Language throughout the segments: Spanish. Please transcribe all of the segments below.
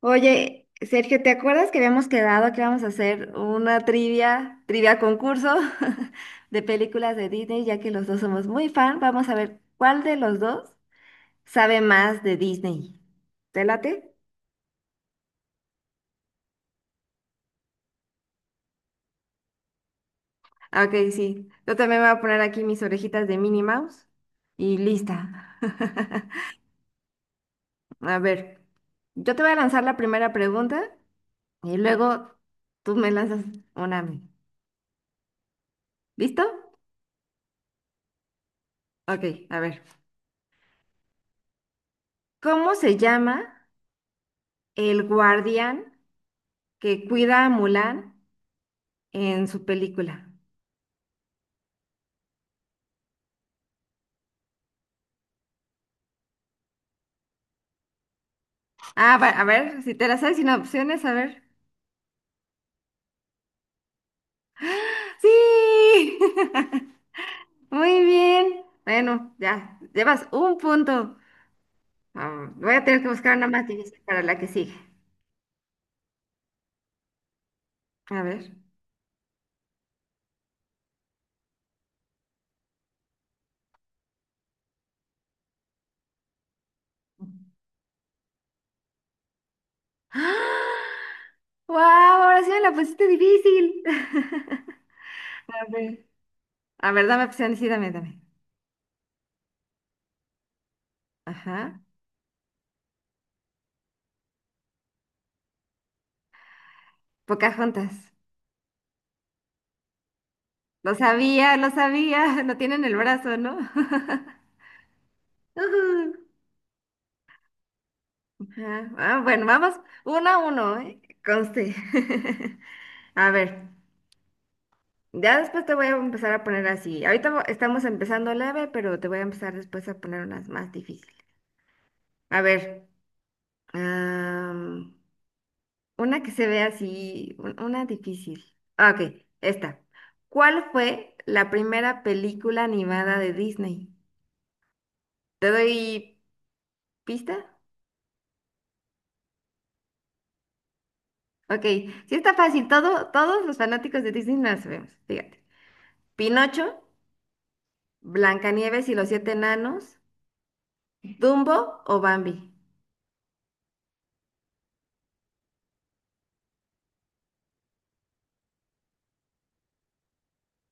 Oye, Sergio, ¿te acuerdas que habíamos quedado que íbamos a hacer una trivia concurso de películas de Disney, ya que los dos somos muy fan? Vamos a ver cuál de los dos sabe más de Disney. ¿Te late? Ah, Ok, sí. Yo también voy a poner aquí mis orejitas de Minnie Mouse y lista. A ver, yo te voy a lanzar la primera pregunta y luego tú me lanzas una a mí. ¿Listo? Ok, a ver. ¿Cómo se llama el guardián que cuida a Mulan en su película? Ah, a ver, si te la sabes sin opciones, a ver. ¡Sí! Muy bien. Bueno, ya, llevas un punto. Ah, voy a tener que buscar una más difícil para la que sigue. A ver. ¡Wow! Ahora sí me la pusiste difícil. A ver. A ver, dame opciones, sí, dame. Ajá. Pocahontas. Lo sabía, lo sabía. No tienen el brazo, ¿no? Ujú. Ajá. Ah, bueno, vamos uno a uno, ¿eh? Conste. A ver, ya después te voy a empezar a poner así. Ahorita estamos empezando leve, pero te voy a empezar después a poner unas más difíciles. A ver, am, una que se ve así, una difícil. Ah, Ok, esta. ¿Cuál fue la primera película animada de Disney? ¿Te doy pista? Ok, sí está fácil. Todos los fanáticos de Disney la sabemos, fíjate. Pinocho, Blancanieves y los siete enanos, Dumbo o Bambi.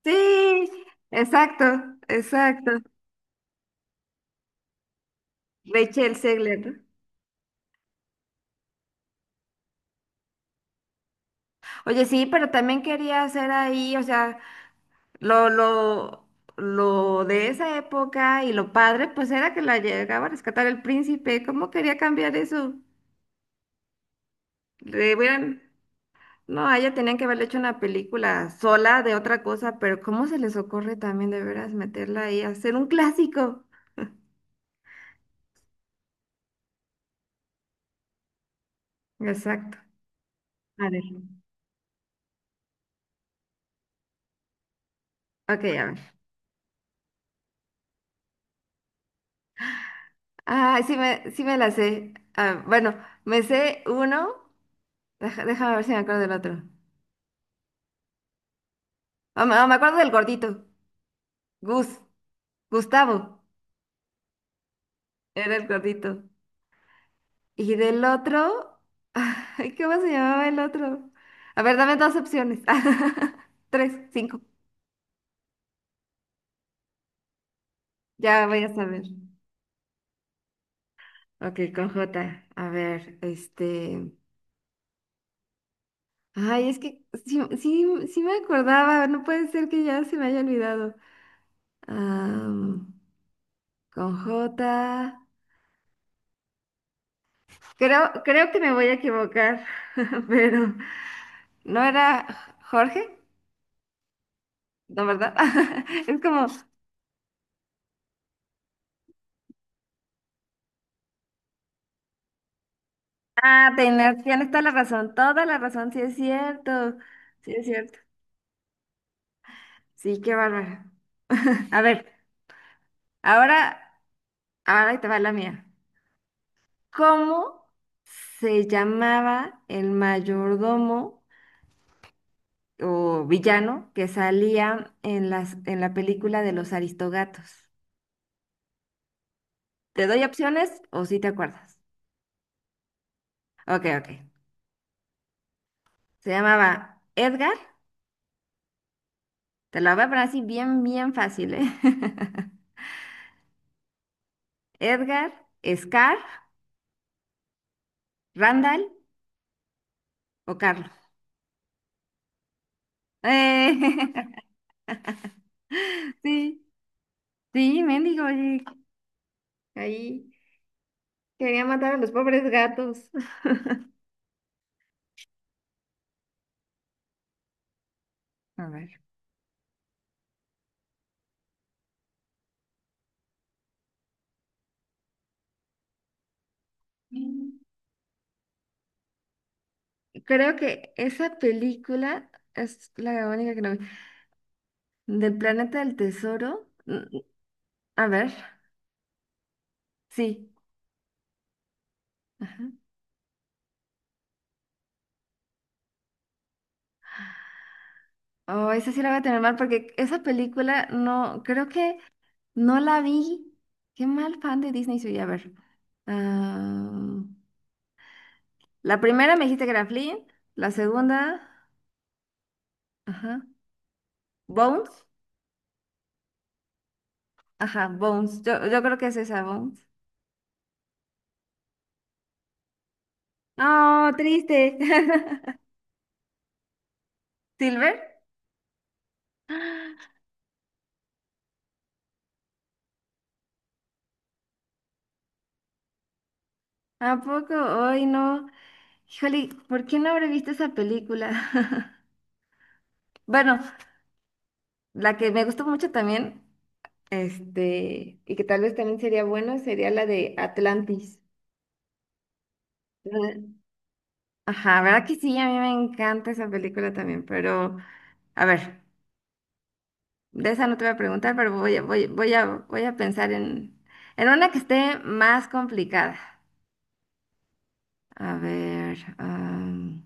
Sí, exacto, exacto. Rachel Zegler, ¿no? Oye, sí, pero también quería hacer ahí, o sea, lo, lo, lo de esa época y lo padre, pues era que la llegaba a rescatar el príncipe. ¿Cómo quería cambiar eso? Le hubieran, no, a ella tenían que haberle hecho una película sola de otra cosa, pero ¿cómo se les ocurre también de veras meterla ahí, hacer un clásico? Exacto. A ver. Ok, a ver. Ah, sí me la sé. Ah, bueno, me sé uno. Déjame ver si me acuerdo del otro. Me acuerdo del gordito. Gus. Gustavo. Era el gordito. Y del otro. Ay, ¿cómo se llamaba el otro? A ver, dame dos opciones. Tres, cinco. Ya voy a saber. Ok, con J. A ver, este. Ay, es que sí me acordaba. No puede ser que ya se me haya olvidado. Ah. Con J. Creo que me voy a equivocar, pero no era Jorge, ¿no, verdad? Es como, ah, tienes toda la razón, sí es cierto, sí es cierto. Sí, qué bárbaro. A ver, ahora, ahora ahí te va la mía. ¿Cómo se llamaba el mayordomo o villano que salía en en la película de los Aristogatos? ¿Te doy opciones o si te acuerdas? Ok, ok. Se llamaba Edgar. Te lo voy a poner así bien fácil, ¿eh? Edgar, Scar, Randall o Carlos. Eh, sí, sí, mendigo. Oye, ahí quería matar a los pobres gatos. A ver. Creo que esa película es la única que no vi. Del planeta del tesoro. A ver, sí. Ajá. Oh, esa sí la voy a tener mal porque esa película no, creo que no la vi. Qué mal fan de Disney soy. A ver. Ah, la primera me dijiste que era Flynn. La segunda, ajá. Bones. Ajá, Bones. Yo creo que es esa, Bones. Oh, triste. ¿Silver? ¿A poco? Hoy no. Híjole, ¿por qué no habré visto esa película? Bueno, la que me gustó mucho también, este, y que tal vez también sería bueno, sería la de Atlantis. Ajá, ¿verdad que sí? A mí me encanta esa película también, pero a ver, de esa no te voy a preguntar, pero voy a pensar en una que esté más complicada. A ver,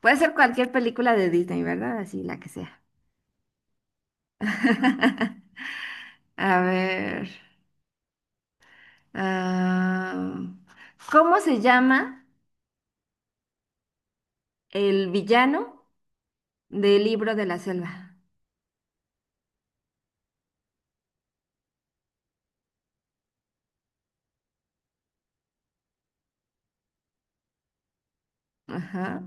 puede ser cualquier película de Disney, ¿verdad? Así, la que sea. A ver, am, ¿cómo se llama el villano del libro de la selva? Ajá.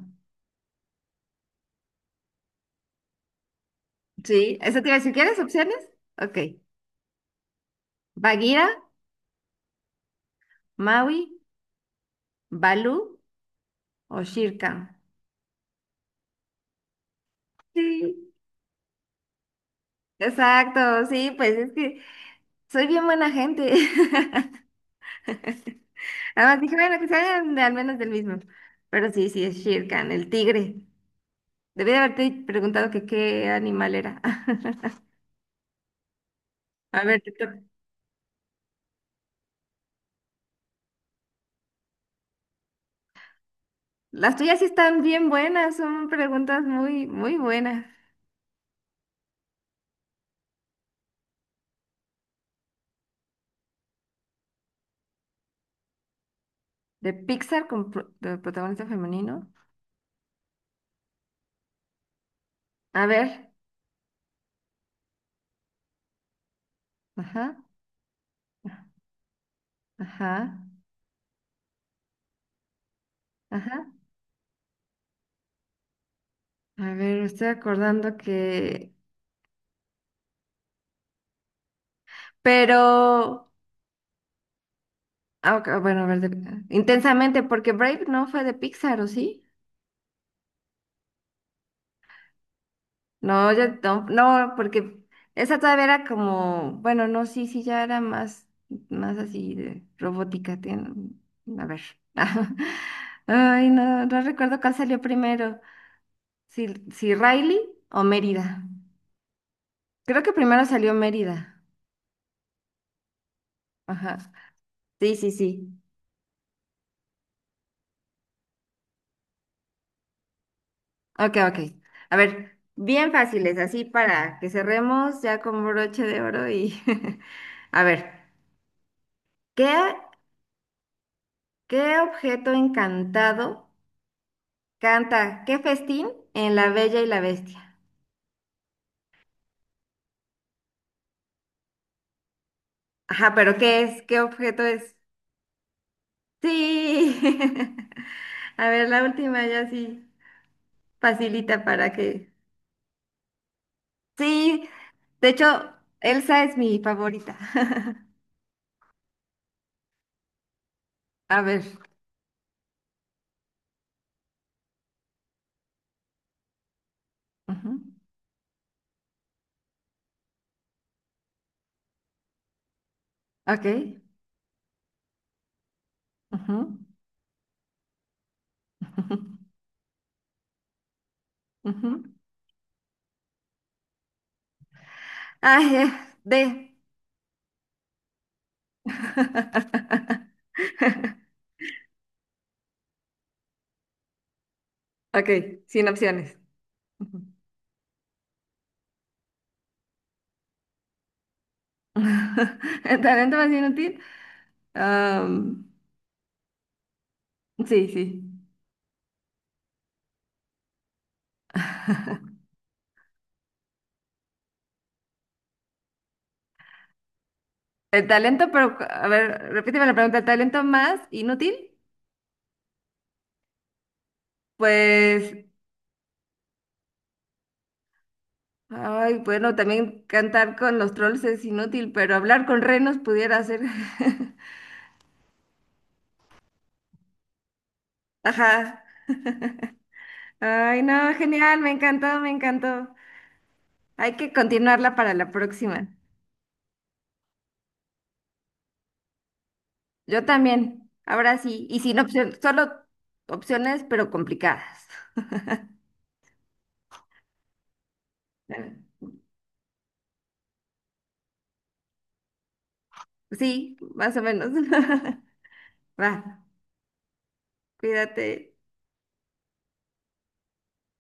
Sí, ¿eso te iba a decir? ¿Quieres opciones? Ok. ¿Bagheera? Maui, Balú o Shirkan. Sí, exacto, sí, pues es que soy bien buena gente. Además dije, bueno, que sean al menos del mismo. Pero sí, sí, es Shirkan, el tigre. Debí de haberte preguntado que qué animal era. A ver, te toca. Las tuyas sí están bien buenas, son preguntas muy buenas. De Pixar con de protagonista femenino. A ver, ajá, ajá, ajá. A ver, me estoy acordando que pero, ah, ok, bueno, a ver, intensamente, porque Brave no fue de Pixar, ¿o sí? No, yo no, no, porque esa todavía era como, bueno, no, sí, sí, ya era más, más así de robótica. A ver. Ay, no, no recuerdo cuál salió primero, si, si Riley o Mérida. Creo que primero salió Mérida. Ajá. Sí, sí, sí. Ok, ok. A ver, bien fáciles, así para que cerremos ya con broche de oro y... A ver, ¿qué, ¿qué objeto encantado canta? ¿Qué festín en La Bella y la Bestia? Ajá, pero ¿qué es? ¿Qué objeto es? Sí. A ver, la última ya sí facilita para que... Sí, de hecho, Elsa es mi favorita. A ver. Ujú. Ok. Ujú. Ujú. Ah, D. Ok, sin opciones. Ujú. ¿El talento más inútil? Am, sí, sí. El talento, pero, a ver, repíteme la pregunta, ¿el talento más inútil? Pues, ay, bueno, también cantar con los trolls es inútil, pero hablar con renos pudiera ser. Ajá. Ay, no, genial, me encantó, me encantó. Hay que continuarla para la próxima. Yo también. Ahora sí. Y sin opción, solo opciones, pero complicadas. Bueno, sí, más o menos. Va, cuídate.